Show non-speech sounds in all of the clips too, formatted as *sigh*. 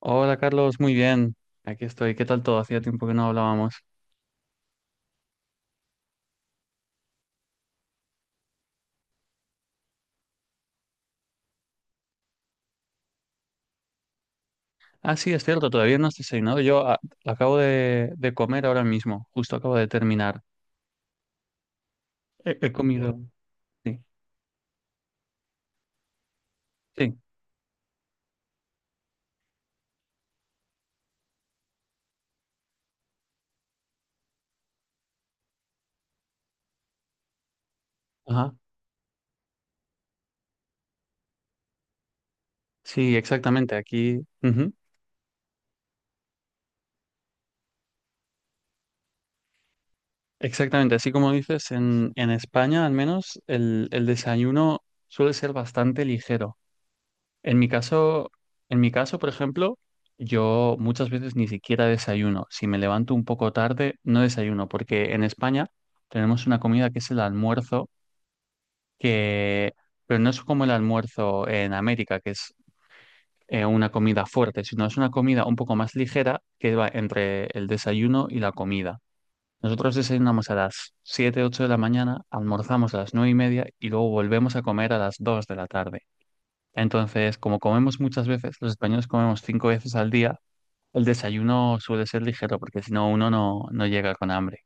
Hola Carlos, muy bien. Aquí estoy. ¿Qué tal todo? Hacía tiempo que no hablábamos. Ah, sí, es cierto, todavía no has desayunado. Yo acabo de comer ahora mismo, justo acabo de terminar. He comido. Sí, sí, ajá. Sí, exactamente, aquí. Ujú. Exactamente, así como dices, en España al menos el desayuno suele ser bastante ligero. En mi caso, en mi caso, por ejemplo, yo muchas veces ni siquiera desayuno. Si me levanto un poco tarde, no desayuno, porque en España tenemos una comida que es el almuerzo, que, pero no es como el almuerzo en América, que es una comida fuerte, sino es una comida un poco más ligera que va entre el desayuno y la comida. Nosotros desayunamos a las 7 8 de la mañana, almorzamos a las 9 y media y luego volvemos a comer a las 2 de la tarde. Entonces, como comemos muchas veces, los españoles comemos cinco veces al día, el desayuno suele ser ligero porque si no uno no, no llega con hambre.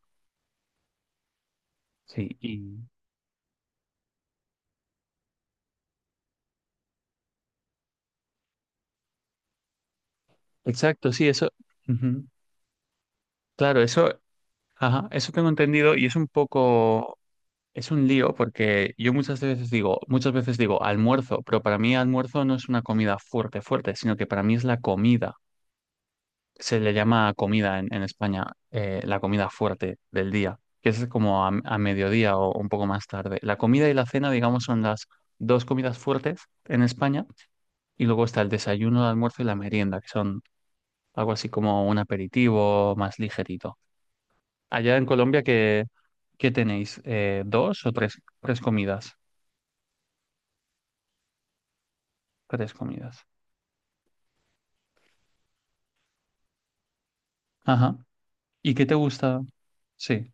Sí, y exacto, sí, eso. Ujú. Claro, eso, ajá, eso tengo entendido y es un poco, es un lío porque yo muchas veces digo almuerzo, pero para mí almuerzo no es una comida fuerte, fuerte, sino que para mí es la comida. Se le llama comida en España, la comida fuerte del día, que es como a mediodía o un poco más tarde. La comida y la cena, digamos, son las dos comidas fuertes en España y luego está el desayuno, el almuerzo y la merienda, que son algo así como un aperitivo más ligerito. Allá en Colombia, ¿qué, qué tenéis? ¿Dos o tres, tres comidas? Tres comidas. Ajá. ¿Y qué te gusta? Sí,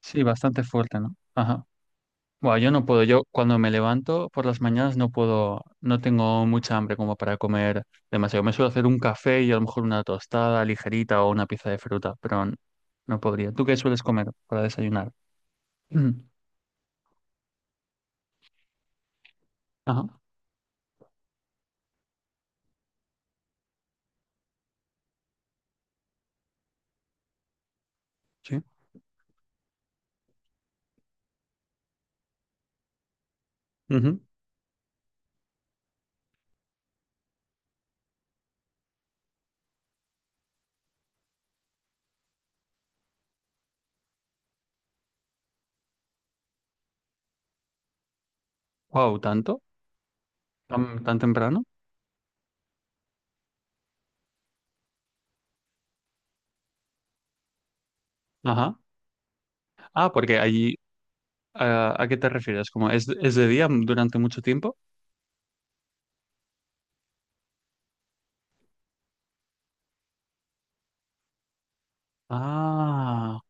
sí, bastante fuerte, ¿no? Ajá. Buah, yo no puedo, yo cuando me levanto por las mañanas no puedo, no tengo mucha hambre como para comer demasiado. Me suelo hacer un café y a lo mejor una tostada ligerita o una pieza de fruta, pero no podría. ¿Tú qué sueles comer para desayunar? *clears throat* Mm, ajá, sí. Wow, ¿tanto? ¿Tan, tan temprano? Ajá. Ah, porque allí, ah, ¿a qué te refieres? ¿Como es de día durante mucho tiempo? Ah,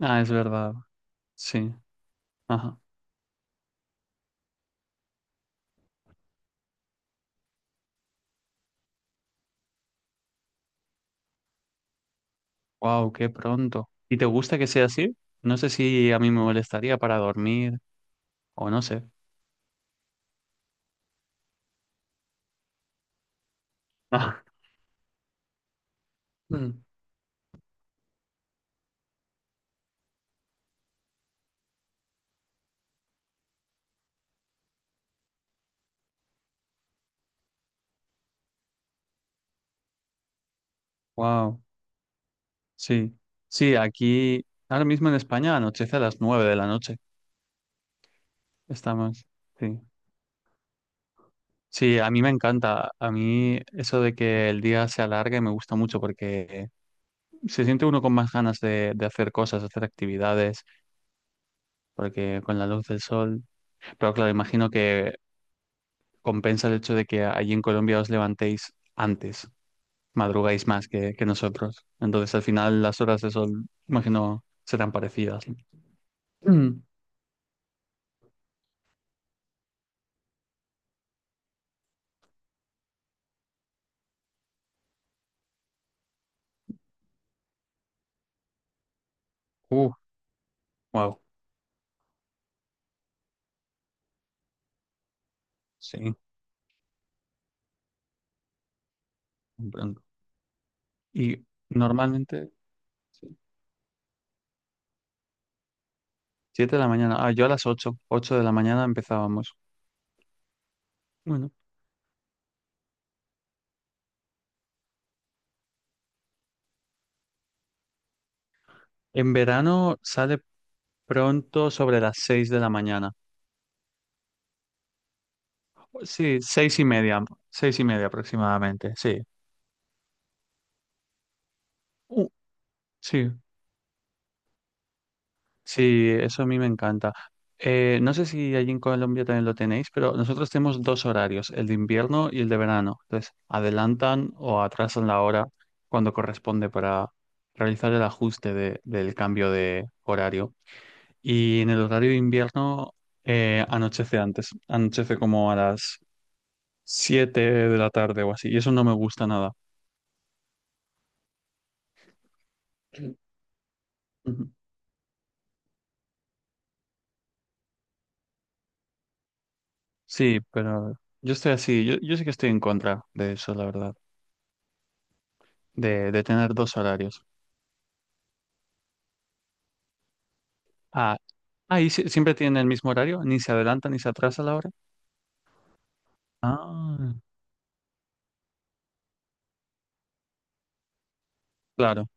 ah, es verdad, sí. Ajá. Wow, qué pronto. ¿Y te gusta que sea así? No sé si a mí me molestaría para dormir o no sé. *laughs* Wow, sí. Sí, aquí ahora mismo en España anochece a las nueve de la noche. Estamos. Sí. Sí, a mí me encanta. A mí eso de que el día se alargue me gusta mucho porque se siente uno con más ganas de hacer cosas, hacer actividades, porque con la luz del sol. Pero claro, imagino que compensa el hecho de que allí en Colombia os levantéis antes. Madrugáis más que nosotros. Entonces, al final, las horas de sol, imagino, serán parecidas. Mm. Uh, wow, sí, muy pronto. Y normalmente, sí, 7 de la mañana. Ah, yo a las 8 8 de la mañana empezábamos. Bueno, en verano sale pronto sobre las 6 de la mañana. Sí, seis y media aproximadamente, sí. Uh, sí, sí, eso a mí me encanta. No sé si allí en Colombia también lo tenéis, pero nosotros tenemos dos horarios, el de invierno y el de verano. Entonces, adelantan o atrasan la hora cuando corresponde para realizar el ajuste del cambio de horario. Y en el horario de invierno anochece antes, anochece como a las 7 de la tarde o así, y eso no me gusta nada. Ujú. Sí, pero yo estoy así, yo sí que estoy en contra de eso, la verdad, de tener dos horarios. Ah, ahí siempre tienen el mismo horario, ni se adelanta ni se atrasa la hora. Ah, claro,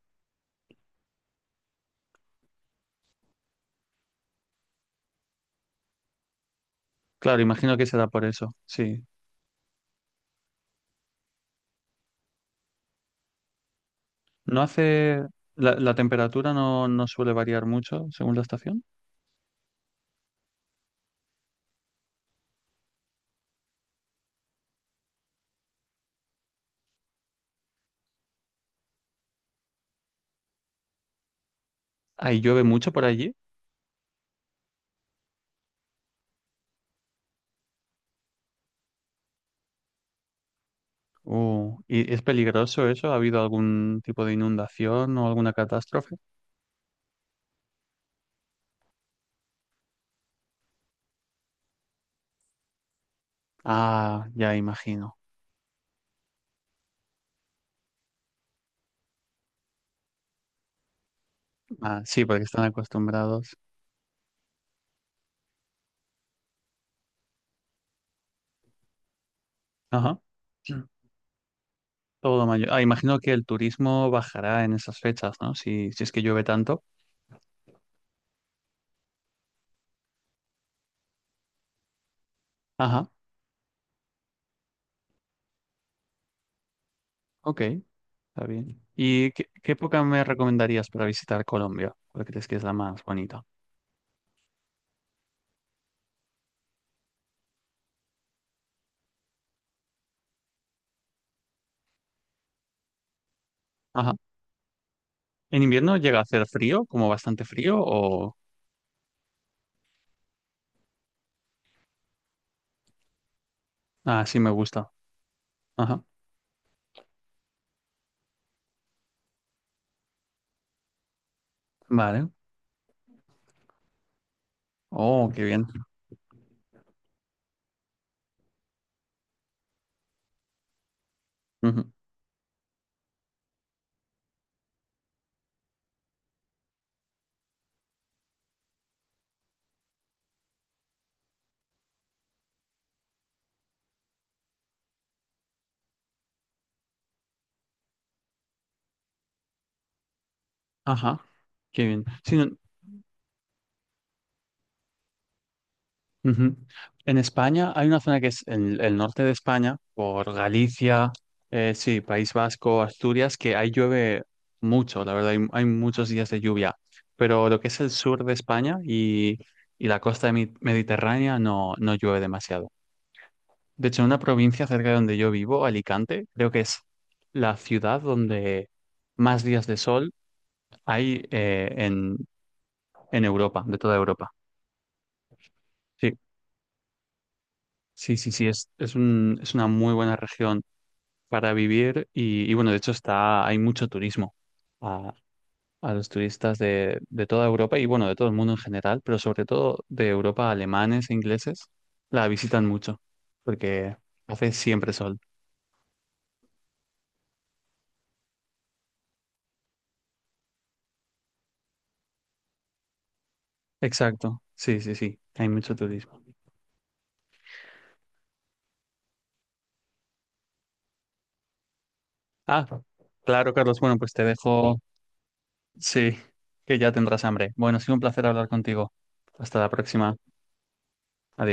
claro, imagino que será por eso, sí. No hace, la temperatura no, no suele variar mucho según la estación. Ahí llueve mucho por allí. ¿Y es peligroso eso? ¿Ha habido algún tipo de inundación o alguna catástrofe? Ah, ya imagino. Ah, sí, porque están acostumbrados. Ajá, todo mayo. Ah, imagino que el turismo bajará en esas fechas, ¿no? Si, si es que llueve tanto. Ajá, ok. Está bien. ¿Y qué, qué época me recomendarías para visitar Colombia? ¿Cuál crees que es la más bonita? Ajá. ¿En invierno llega a hacer frío, como bastante frío, o...? Ah, sí me gusta. Ajá. Vale. Oh, qué bien. Ujú. Ajá. Qué bien. Sí, no, ujú. En España hay una zona que es en el norte de España, por Galicia, sí, País Vasco, Asturias, que ahí llueve mucho, la verdad, hay muchos días de lluvia, pero lo que es el sur de España y la costa mediterránea no, no llueve demasiado. De hecho, en una provincia cerca de donde yo vivo, Alicante, creo que es la ciudad donde más días de sol hay en Europa, de toda Europa. Sí, sí, sí, sí, es un, es una muy buena región para vivir y, bueno, de hecho está, hay mucho turismo a, a los turistas de toda Europa y bueno, de todo el mundo en general, pero sobre todo de Europa, alemanes e ingleses, la visitan mucho porque hace siempre sol. Exacto, sí, sí, sí, hay mucho turismo. Ah, claro, Carlos, bueno, pues te dejo, sí, que ya tendrás hambre. Bueno, ha sido un placer hablar contigo. Hasta la próxima. Adiós.